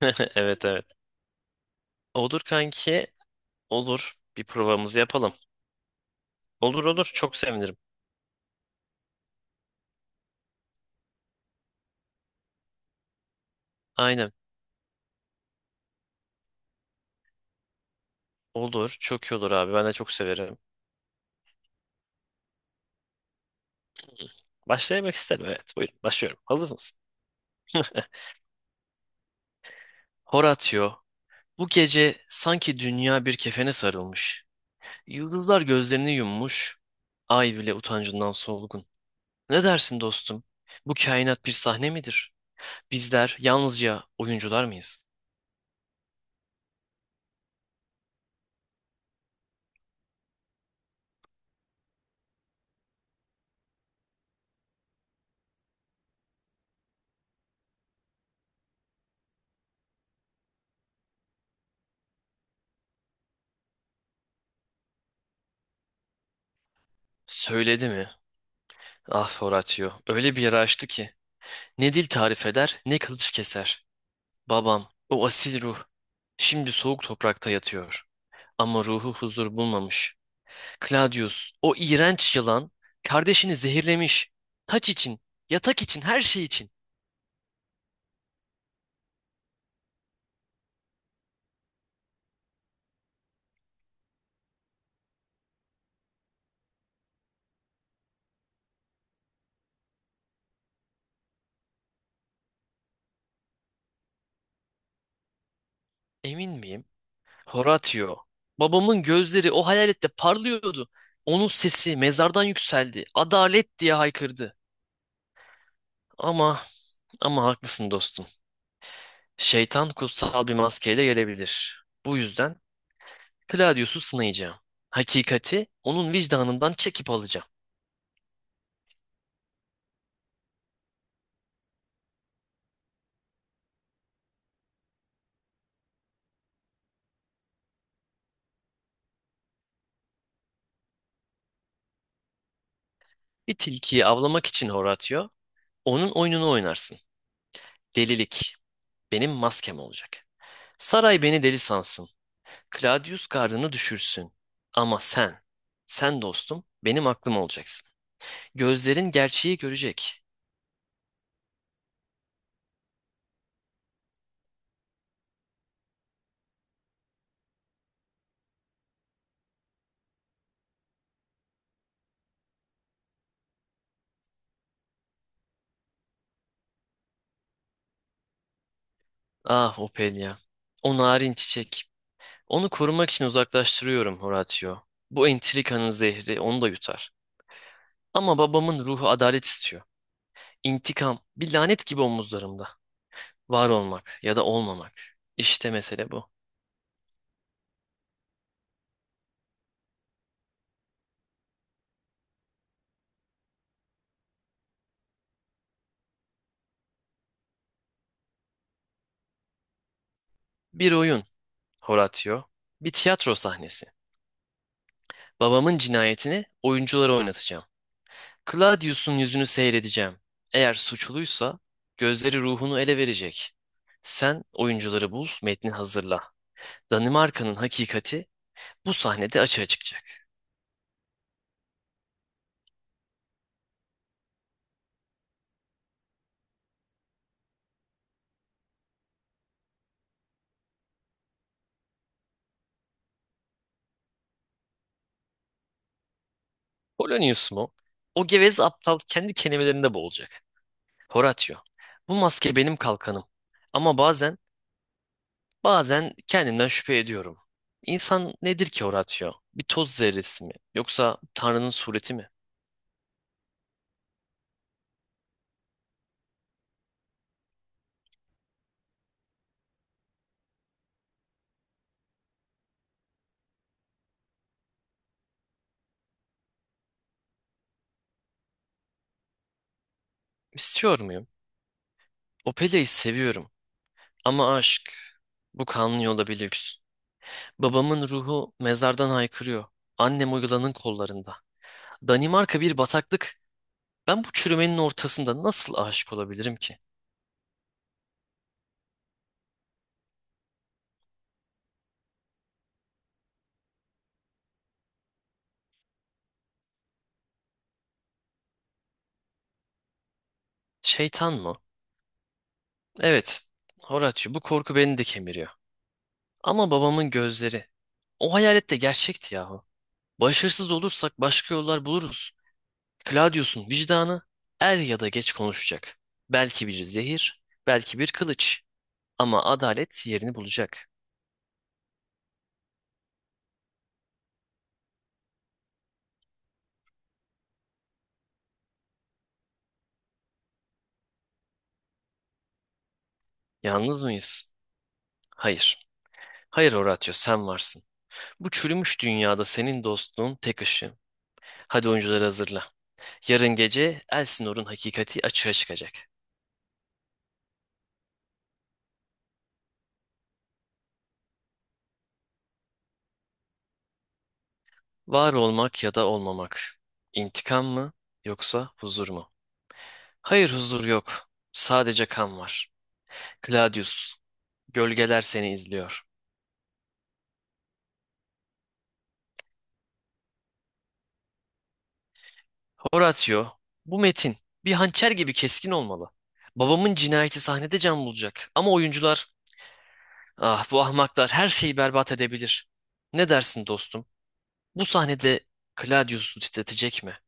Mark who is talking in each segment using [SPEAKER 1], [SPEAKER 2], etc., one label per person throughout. [SPEAKER 1] Evet, evet. Olur kanki. Olur. Bir provamızı yapalım. Olur, olur. Çok sevinirim. Aynen. Olur. Çok iyi olur abi. Ben de çok severim. Başlayamak isterim. Evet. Buyurun. Başlıyorum. Hazır mısın? Horatio. Bu gece sanki dünya bir kefene sarılmış. Yıldızlar gözlerini yummuş. Ay bile utancından solgun. Ne dersin dostum? Bu kainat bir sahne midir? Bizler yalnızca oyuncular mıyız? Söyledi mi? Ah Horatio. Öyle bir yara açtı ki. Ne dil tarif eder, ne kılıç keser. Babam, o asil ruh, şimdi soğuk toprakta yatıyor. Ama ruhu huzur bulmamış. Claudius, o iğrenç yılan, kardeşini zehirlemiş. Taç için, yatak için, her şey için. Emin miyim? Horatio, babamın gözleri o hayalette parlıyordu. Onun sesi mezardan yükseldi. Adalet diye haykırdı. Ama, ama haklısın dostum. Şeytan kutsal bir maskeyle gelebilir. Bu yüzden Claudius'u sınayacağım. Hakikati onun vicdanından çekip alacağım. Bir tilkiyi avlamak için Horatio, onun oyununu oynarsın. Delilik benim maskem olacak. Saray beni deli sansın. Claudius gardını düşürsün. Ama sen, sen dostum benim aklım olacaksın. Gözlerin gerçeği görecek. Ah Ophelia. O narin çiçek. Onu korumak için uzaklaştırıyorum Horatio. Bu entrikanın zehri onu da yutar. Ama babamın ruhu adalet istiyor. İntikam, bir lanet gibi omuzlarımda. Var olmak ya da olmamak. İşte mesele bu. Bir oyun, Horatio. Bir tiyatro sahnesi. Babamın cinayetini oyunculara oynatacağım. Claudius'un yüzünü seyredeceğim. Eğer suçluysa gözleri ruhunu ele verecek. Sen oyuncuları bul, metni hazırla. Danimarka'nın hakikati bu sahnede açığa çıkacak. Polonius mu? O gevez aptal kendi kelimelerinde boğulacak. Horatio. Bu maske benim kalkanım. Ama bazen, bazen kendimden şüphe ediyorum. İnsan nedir ki Horatio? Bir toz zerresi mi? Yoksa Tanrı'nın sureti mi? İstiyor muyum? Opelia'yı seviyorum. Ama aşk, bu kanlı yolda bir lüks. Babamın ruhu mezardan haykırıyor. Annem uygulanın kollarında. Danimarka bir bataklık. Ben bu çürümenin ortasında nasıl aşık olabilirim ki? Şeytan mı? Evet. Horatio, bu korku beni de kemiriyor. Ama babamın gözleri. O hayalet de gerçekti yahu. Başarısız olursak başka yollar buluruz. Claudius'un vicdanı er ya da geç konuşacak. Belki bir zehir, belki bir kılıç. Ama adalet yerini bulacak. Yalnız mıyız? Hayır. Hayır Horatio, sen varsın. Bu çürümüş dünyada senin dostluğun tek ışığım. Hadi oyuncuları hazırla. Yarın gece Elsinor'un hakikati açığa çıkacak. Var olmak ya da olmamak. İntikam mı yoksa huzur mu? Hayır, huzur yok. Sadece kan var. Claudius, gölgeler seni izliyor. Horatio, bu metin bir hançer gibi keskin olmalı. Babamın cinayeti sahnede can bulacak. Ama oyuncular, ah bu ahmaklar her şeyi berbat edebilir. Ne dersin dostum? Bu sahnede Claudius'u titretecek mi?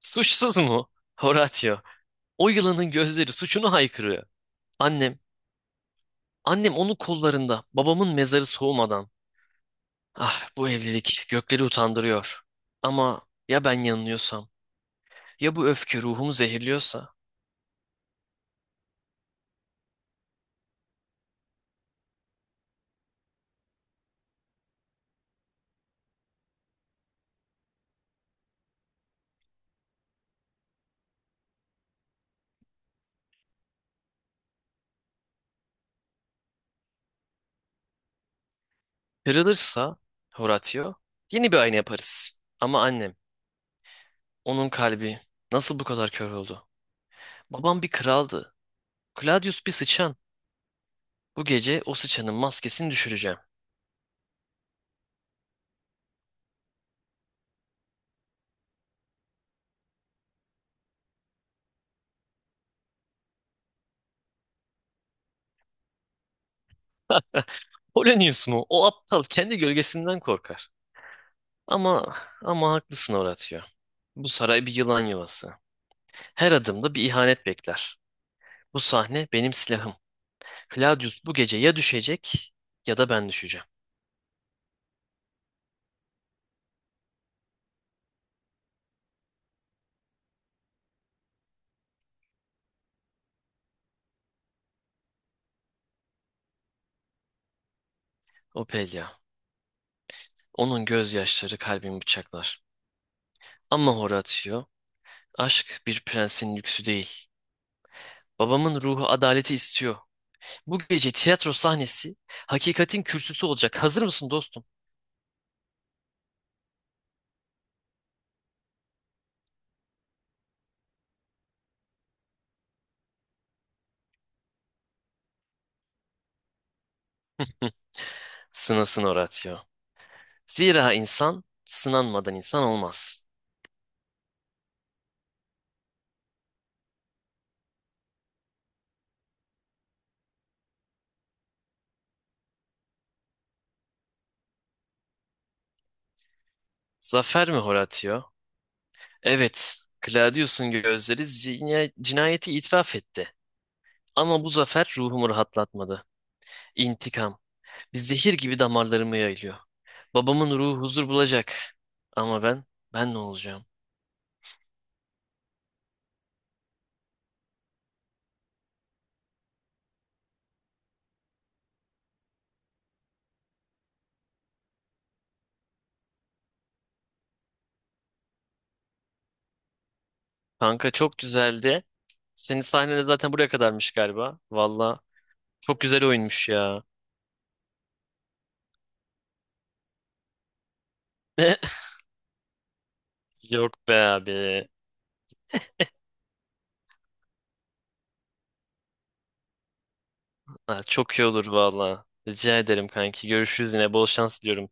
[SPEAKER 1] Suçsuz mu? Horatio. O yılanın gözleri suçunu haykırıyor. Annem, annem onun kollarında, babamın mezarı soğumadan. Ah, bu evlilik gökleri utandırıyor. Ama ya ben yanılıyorsam, ya bu öfke ruhumu zehirliyorsa, kırılırsa Horatio, yeni bir ayna yaparız. Ama annem, onun kalbi nasıl bu kadar kör oldu? Babam bir kraldı. Claudius bir sıçan. Bu gece o sıçanın maskesini düşüreceğim. Polonius mu? O aptal kendi gölgesinden korkar. Ama ama haklısın Horatio. Bu saray bir yılan yuvası. Her adımda bir ihanet bekler. Bu sahne benim silahım. Claudius bu gece ya düşecek ya da ben düşeceğim. Opelia. Onun gözyaşları kalbimi bıçaklar. Ama Horatio, aşk bir prensin lüksü değil. Babamın ruhu adaleti istiyor. Bu gece tiyatro sahnesi hakikatin kürsüsü olacak. Hazır mısın dostum? Sınasın Horatio. Zira insan sınanmadan insan olmaz. Zafer mi Horatio? Evet, Claudius'un gözleri cinayeti itiraf etti. Ama bu zafer ruhumu rahatlatmadı. İntikam, bir zehir gibi damarlarımı yayılıyor. Babamın ruhu huzur bulacak. Ama ben, ben ne olacağım? Kanka çok güzeldi. Senin sahnene zaten buraya kadarmış galiba. Valla çok güzel oyunmuş ya. Yok be abi. Ha, çok iyi olur valla. Rica ederim kanki. Görüşürüz yine. Bol şans diliyorum.